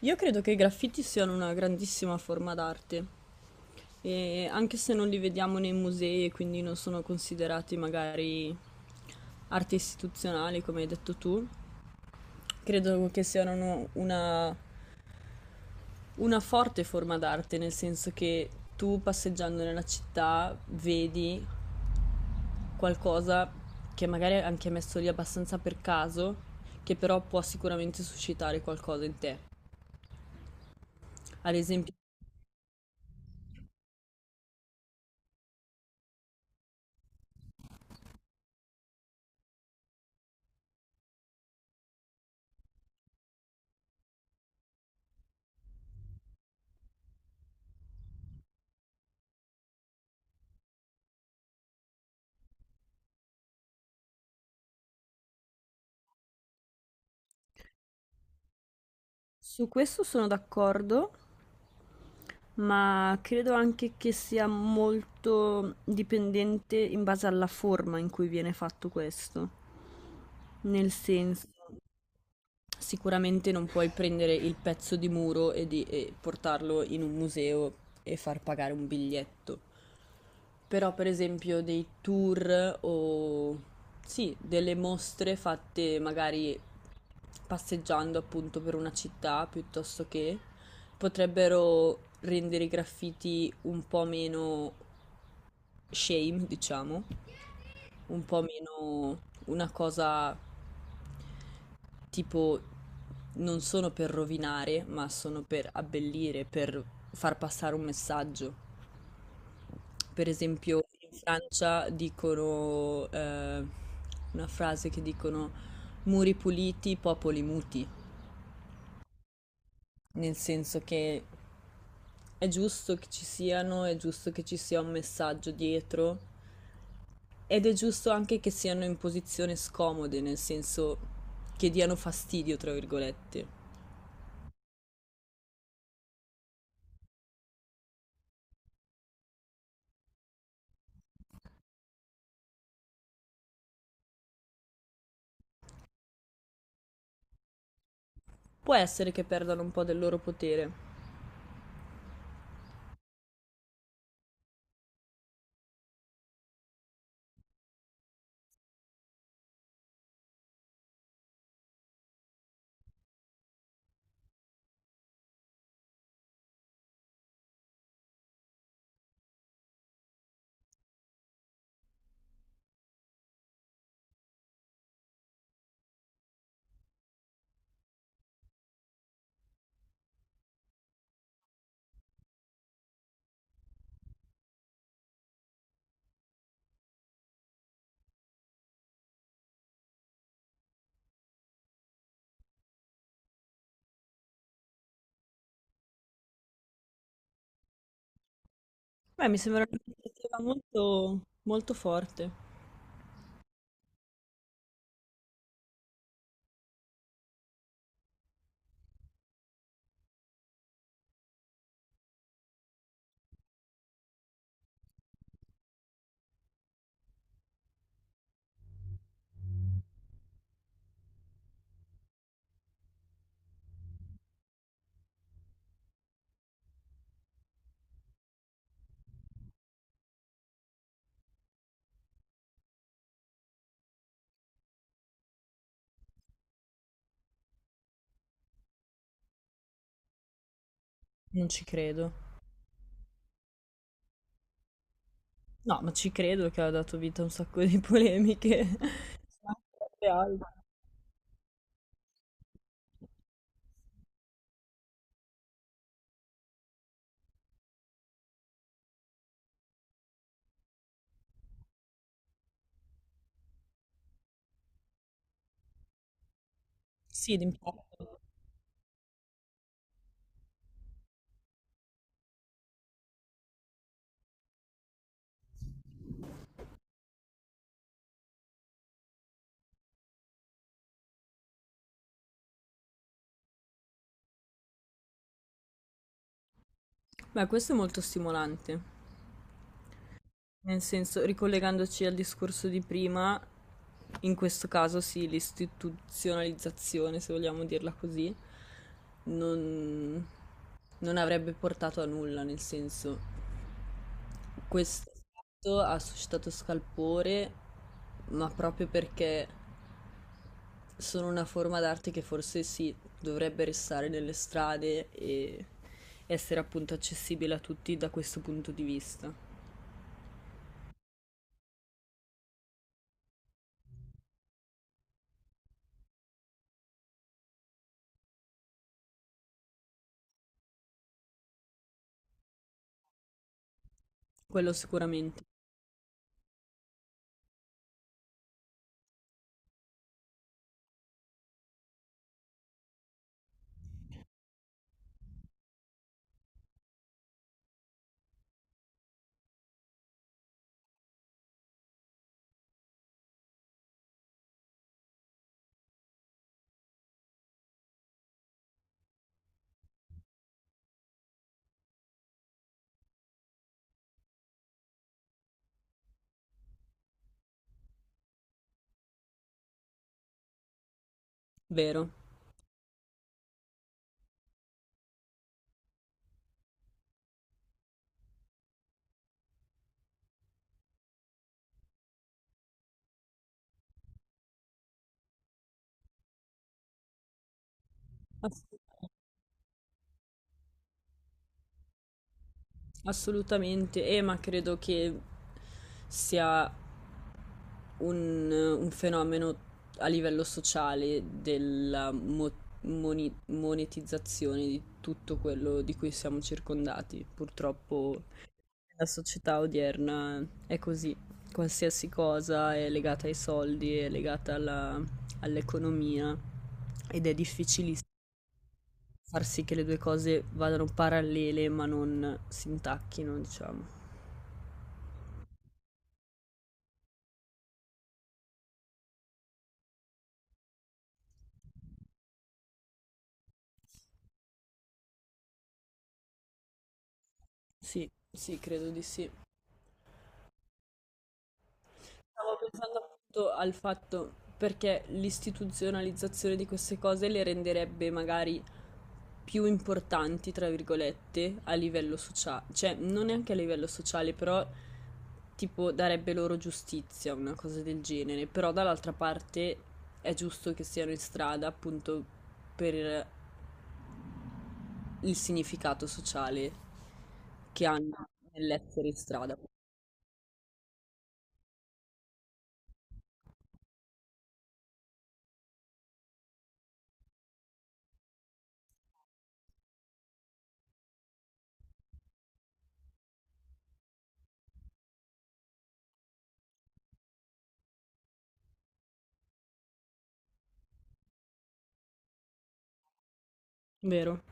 Io credo che i graffiti siano una grandissima forma d'arte, e anche se non li vediamo nei musei e quindi non sono considerati magari arte istituzionale, come hai detto tu, credo che siano una forte forma d'arte, nel senso che tu passeggiando nella città vedi qualcosa che magari è anche messo lì abbastanza per caso, che però può sicuramente suscitare qualcosa in te. Ad esempio, su questo sono d'accordo. Ma credo anche che sia molto dipendente in base alla forma in cui viene fatto questo. Nel senso, sicuramente non puoi prendere il pezzo di muro e portarlo in un museo e far pagare un biglietto. Però per esempio dei tour o sì, delle mostre fatte magari passeggiando appunto per una città piuttosto che potrebbero rendere i graffiti un po' meno shame, diciamo, un po' meno una cosa tipo non sono per rovinare, ma sono per abbellire, per far passare un messaggio. Per esempio, in Francia dicono una frase che dicono muri puliti, popoli muti, nel senso che è giusto che ci siano, è giusto che ci sia un messaggio dietro ed è giusto anche che siano in posizione scomode, nel senso che diano fastidio, tra virgolette. Può essere che perdano un po' del loro potere. Beh, mi sembra un'iniziativa molto, molto forte. Non ci credo. No, ma ci credo che ha dato vita a un sacco di polemiche. Ma anche reali. Sì, d'impatto. Beh, questo è molto stimolante. Nel senso, ricollegandoci al discorso di prima, in questo caso sì, l'istituzionalizzazione, se vogliamo dirla così, non, non avrebbe portato a nulla, nel senso, questo fatto ha suscitato scalpore, ma proprio perché sono una forma d'arte che forse sì, dovrebbe restare nelle strade e essere appunto accessibile a tutti da questo punto di vista. Quello sicuramente, vero. Ass- Assolutamente, ma credo che sia un fenomeno a livello sociale della monetizzazione di tutto quello di cui siamo circondati. Purtroppo la società odierna è così, qualsiasi cosa è legata ai soldi, è legata all'economia ed è difficilissimo far sì che le due cose vadano parallele ma non si intacchino, diciamo. Sì, credo di sì. Stavo pensando appunto al fatto perché l'istituzionalizzazione di queste cose le renderebbe magari più importanti, tra virgolette, a livello sociale, cioè non neanche a livello sociale, però tipo darebbe loro giustizia, una cosa del genere, però dall'altra parte è giusto che siano in strada appunto per il significato sociale che hanno nell'essere in strada. Vero?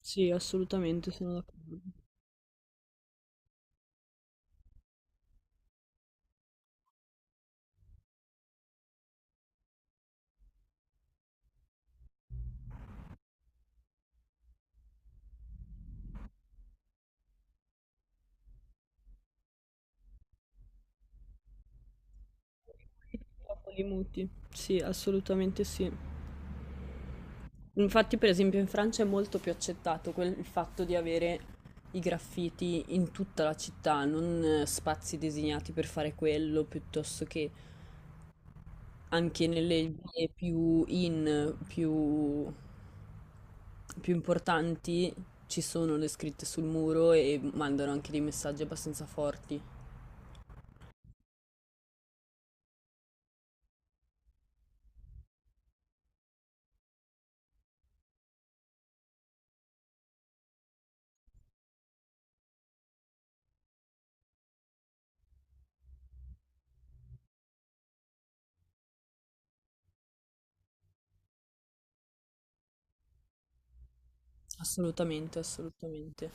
Sì, assolutamente sono d'accordo. Dopo li muti. Sì, assolutamente sì. Infatti, per esempio, in Francia è molto più accettato il fatto di avere i graffiti in tutta la città, non spazi designati per fare quello, piuttosto che anche nelle vie più importanti ci sono le scritte sul muro e mandano anche dei messaggi abbastanza forti. Assolutamente, assolutamente.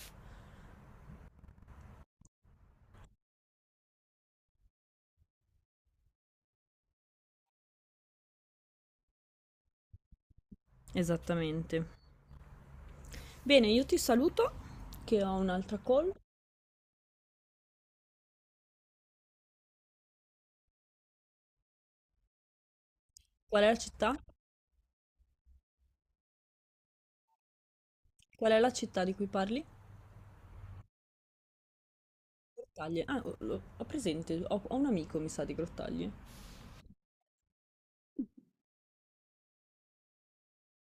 Esattamente. Bene, io ti saluto, che ho un'altra call. Qual è la città? Qual è la città di cui parli? Grottaglie. Ah, ho presente, ho un amico, mi sa, di Grottaglie.